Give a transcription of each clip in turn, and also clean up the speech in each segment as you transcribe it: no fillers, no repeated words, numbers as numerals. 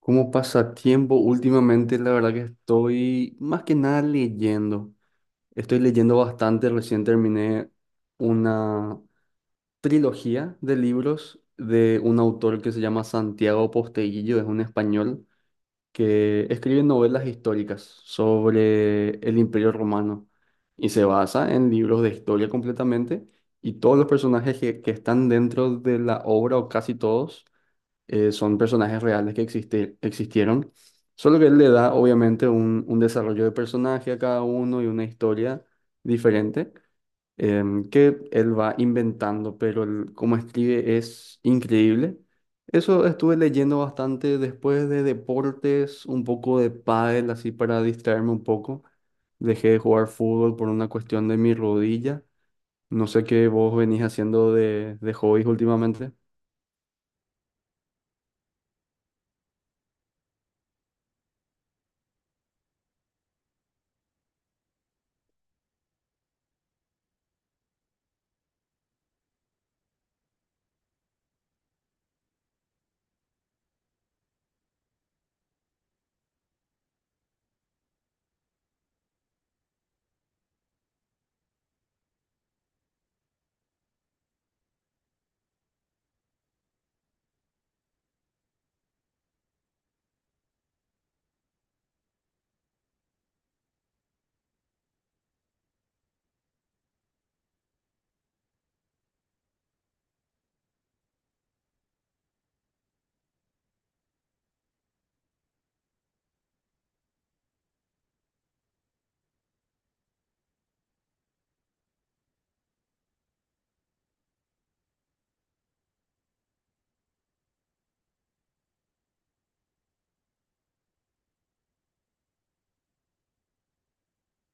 Como pasatiempo, últimamente la verdad que estoy más que nada leyendo. Estoy leyendo bastante. Recién terminé una trilogía de libros de un autor que se llama Santiago Posteguillo, es un español que escribe novelas históricas sobre el Imperio Romano y se basa en libros de historia completamente, y todos los personajes que están dentro de la obra o casi todos, son personajes reales que existieron, solo que él le da obviamente un desarrollo de personaje a cada uno y una historia diferente, que él va inventando, pero cómo escribe es increíble. Eso estuve leyendo bastante, después de deportes, un poco de pádel, así para distraerme un poco. Dejé de jugar fútbol por una cuestión de mi rodilla. No sé qué vos venís haciendo de hobbies últimamente.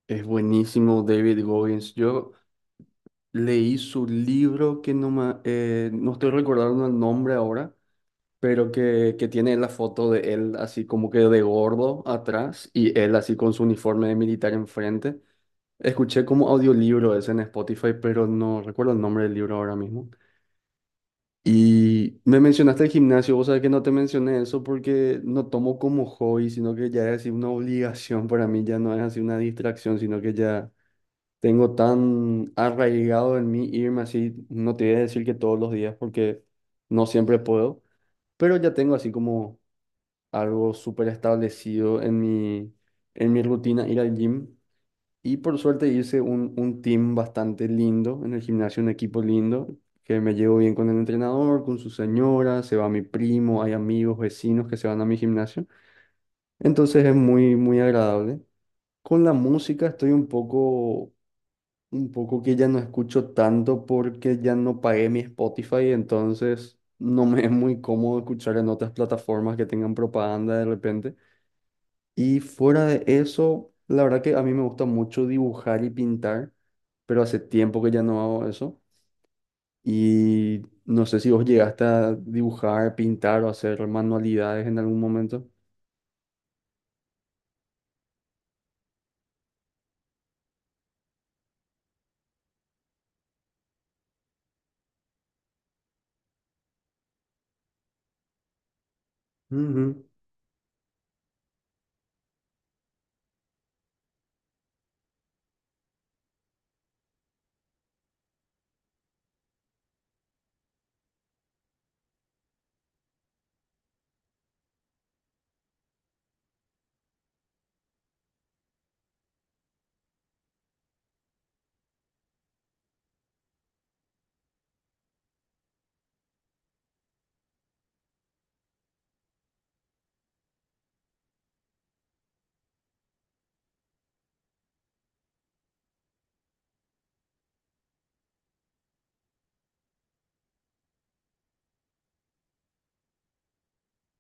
Es buenísimo David Goggins. Yo leí su libro que no estoy recordando el nombre ahora, pero que tiene la foto de él así como que de gordo atrás y él así con su uniforme de militar enfrente. Escuché como audiolibro ese en Spotify, pero no recuerdo el nombre del libro ahora mismo. Y me mencionaste el gimnasio, vos sabés que no te mencioné eso porque no tomo como hobby, sino que ya es así una obligación para mí, ya no es así una distracción, sino que ya. Tengo tan arraigado en mí irme así, no te voy a decir que todos los días porque no siempre puedo, pero ya tengo así como algo súper establecido en mi rutina ir al gym. Y por suerte hice un team bastante lindo en el gimnasio, un equipo lindo, que me llevo bien con el entrenador, con su señora, se va mi primo, hay amigos, vecinos que se van a mi gimnasio. Entonces es muy, muy agradable. Con la música estoy un poco que ya no escucho tanto porque ya no pagué mi Spotify, entonces no me es muy cómodo escuchar en otras plataformas que tengan propaganda de repente. Y fuera de eso, la verdad que a mí me gusta mucho dibujar y pintar, pero hace tiempo que ya no hago eso. Y no sé si vos llegaste a dibujar, pintar o hacer manualidades en algún momento. Ujú,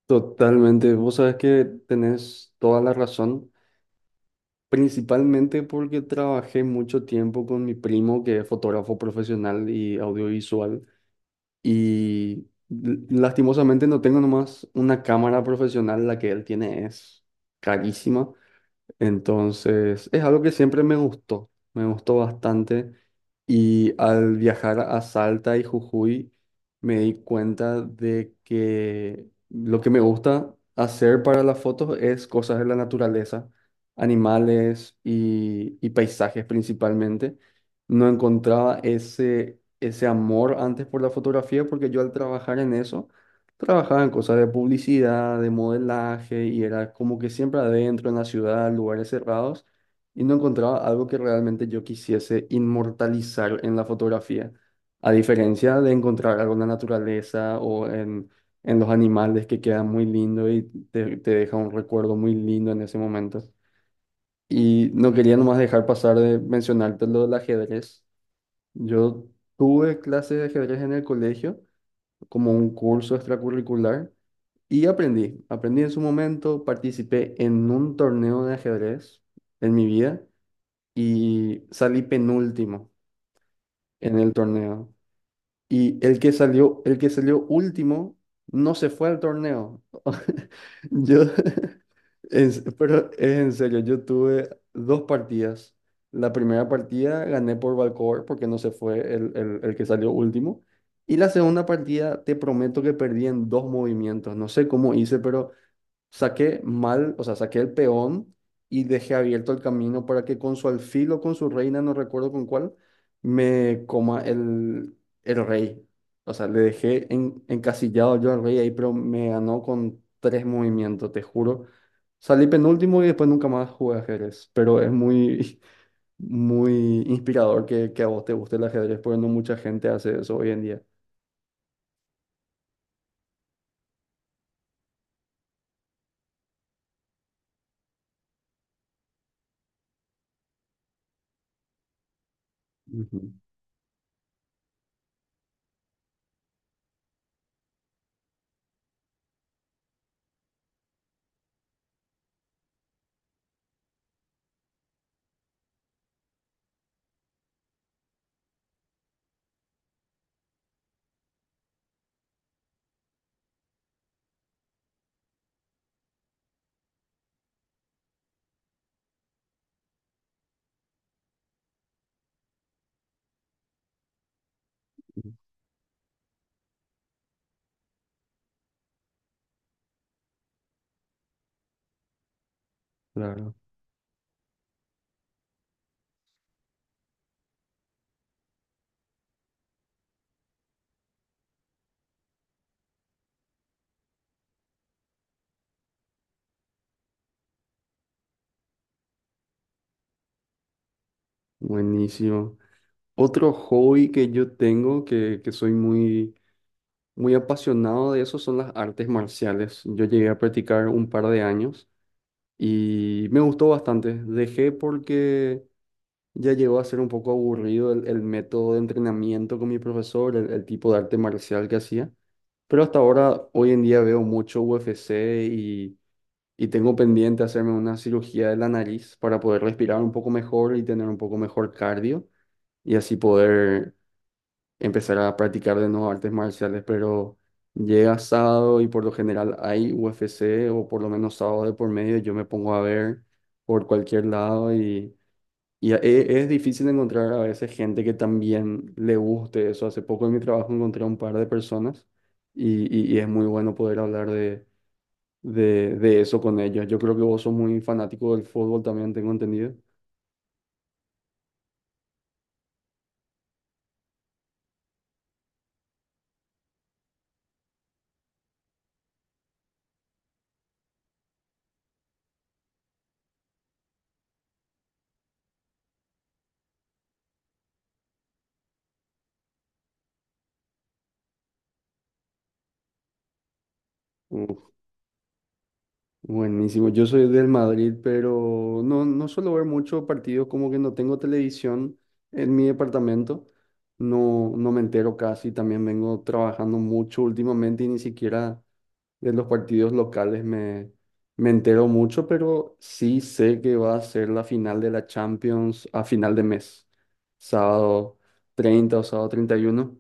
totalmente, vos sabes que tenés toda la razón. Principalmente porque trabajé mucho tiempo con mi primo, que es fotógrafo profesional y audiovisual, y lastimosamente no tengo nomás una cámara profesional, la que él tiene es carísima. Entonces, es algo que siempre me gustó bastante. Y al viajar a Salta y Jujuy, me di cuenta de que lo que me gusta hacer para las fotos es cosas de la naturaleza, animales y paisajes principalmente. No encontraba ese amor antes por la fotografía, porque yo, al trabajar en eso, trabajaba en cosas de publicidad, de modelaje, y era como que siempre adentro en la ciudad, lugares cerrados, y no encontraba algo que realmente yo quisiese inmortalizar en la fotografía, a diferencia de encontrar algo en la naturaleza o en los animales, que quedan muy lindo y te deja un recuerdo muy lindo en ese momento. Y no quería nomás dejar pasar de mencionarte lo del ajedrez. Yo tuve clases de ajedrez en el colegio como un curso extracurricular y aprendí. Aprendí en su momento, participé en un torneo de ajedrez en mi vida y salí penúltimo en el torneo. Y el que salió último no se fue al torneo. Yo pero es en serio, yo tuve dos partidas. La primera partida gané por Valcover porque no se fue el que salió último. Y la segunda partida, te prometo que perdí en dos movimientos. No sé cómo hice, pero saqué mal, o sea, saqué el peón y dejé abierto el camino para que con su alfil o con su reina, no recuerdo con cuál, me coma el, rey. O sea, le dejé encasillado yo al rey ahí, pero me ganó con tres movimientos, te juro. Salí penúltimo y después nunca más jugué ajedrez, pero es muy, muy inspirador que a vos te guste el ajedrez, porque no mucha gente hace eso hoy en día. Ujú, ujú, claro, buenísimo. Otro hobby que yo tengo, que soy muy, muy apasionado de eso, son las artes marciales. Yo llegué a practicar un par de años y me gustó bastante. Dejé porque ya llegó a ser un poco aburrido el método de entrenamiento con mi profesor, el tipo de arte marcial que hacía. Pero hasta ahora, hoy en día veo mucho UFC y, y tengo pendiente hacerme una cirugía de la nariz para poder respirar un poco mejor y tener un poco mejor cardio, y así poder empezar a practicar de nuevo artes marciales, pero llega sábado y por lo general hay UFC, o por lo menos sábado de por medio, yo me pongo a ver por cualquier lado y es difícil encontrar a veces gente que también le guste eso. Hace poco en mi trabajo encontré a un par de personas y es muy bueno poder hablar de eso con ellos. Yo creo que vos sos muy fanático del fútbol también, tengo entendido. Buenísimo, yo soy del Madrid, pero no, no suelo ver mucho partidos, como que no tengo televisión en mi departamento, no, no me entero casi, también vengo trabajando mucho últimamente y ni siquiera de los partidos locales me entero mucho, pero sí sé que va a ser la final de la Champions a final de mes, sábado 30 o sábado 31,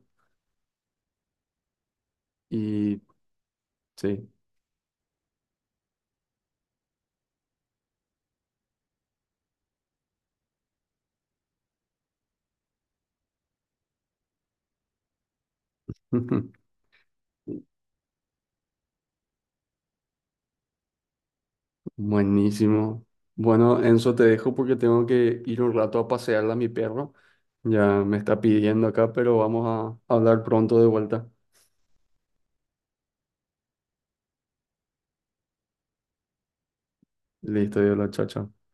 y sí. Buenísimo. Bueno, Enzo, te dejo porque tengo que ir un rato a pasearla a mi perro. Ya me está pidiendo acá, pero vamos a hablar pronto de vuelta. Listo, la, chao, chao.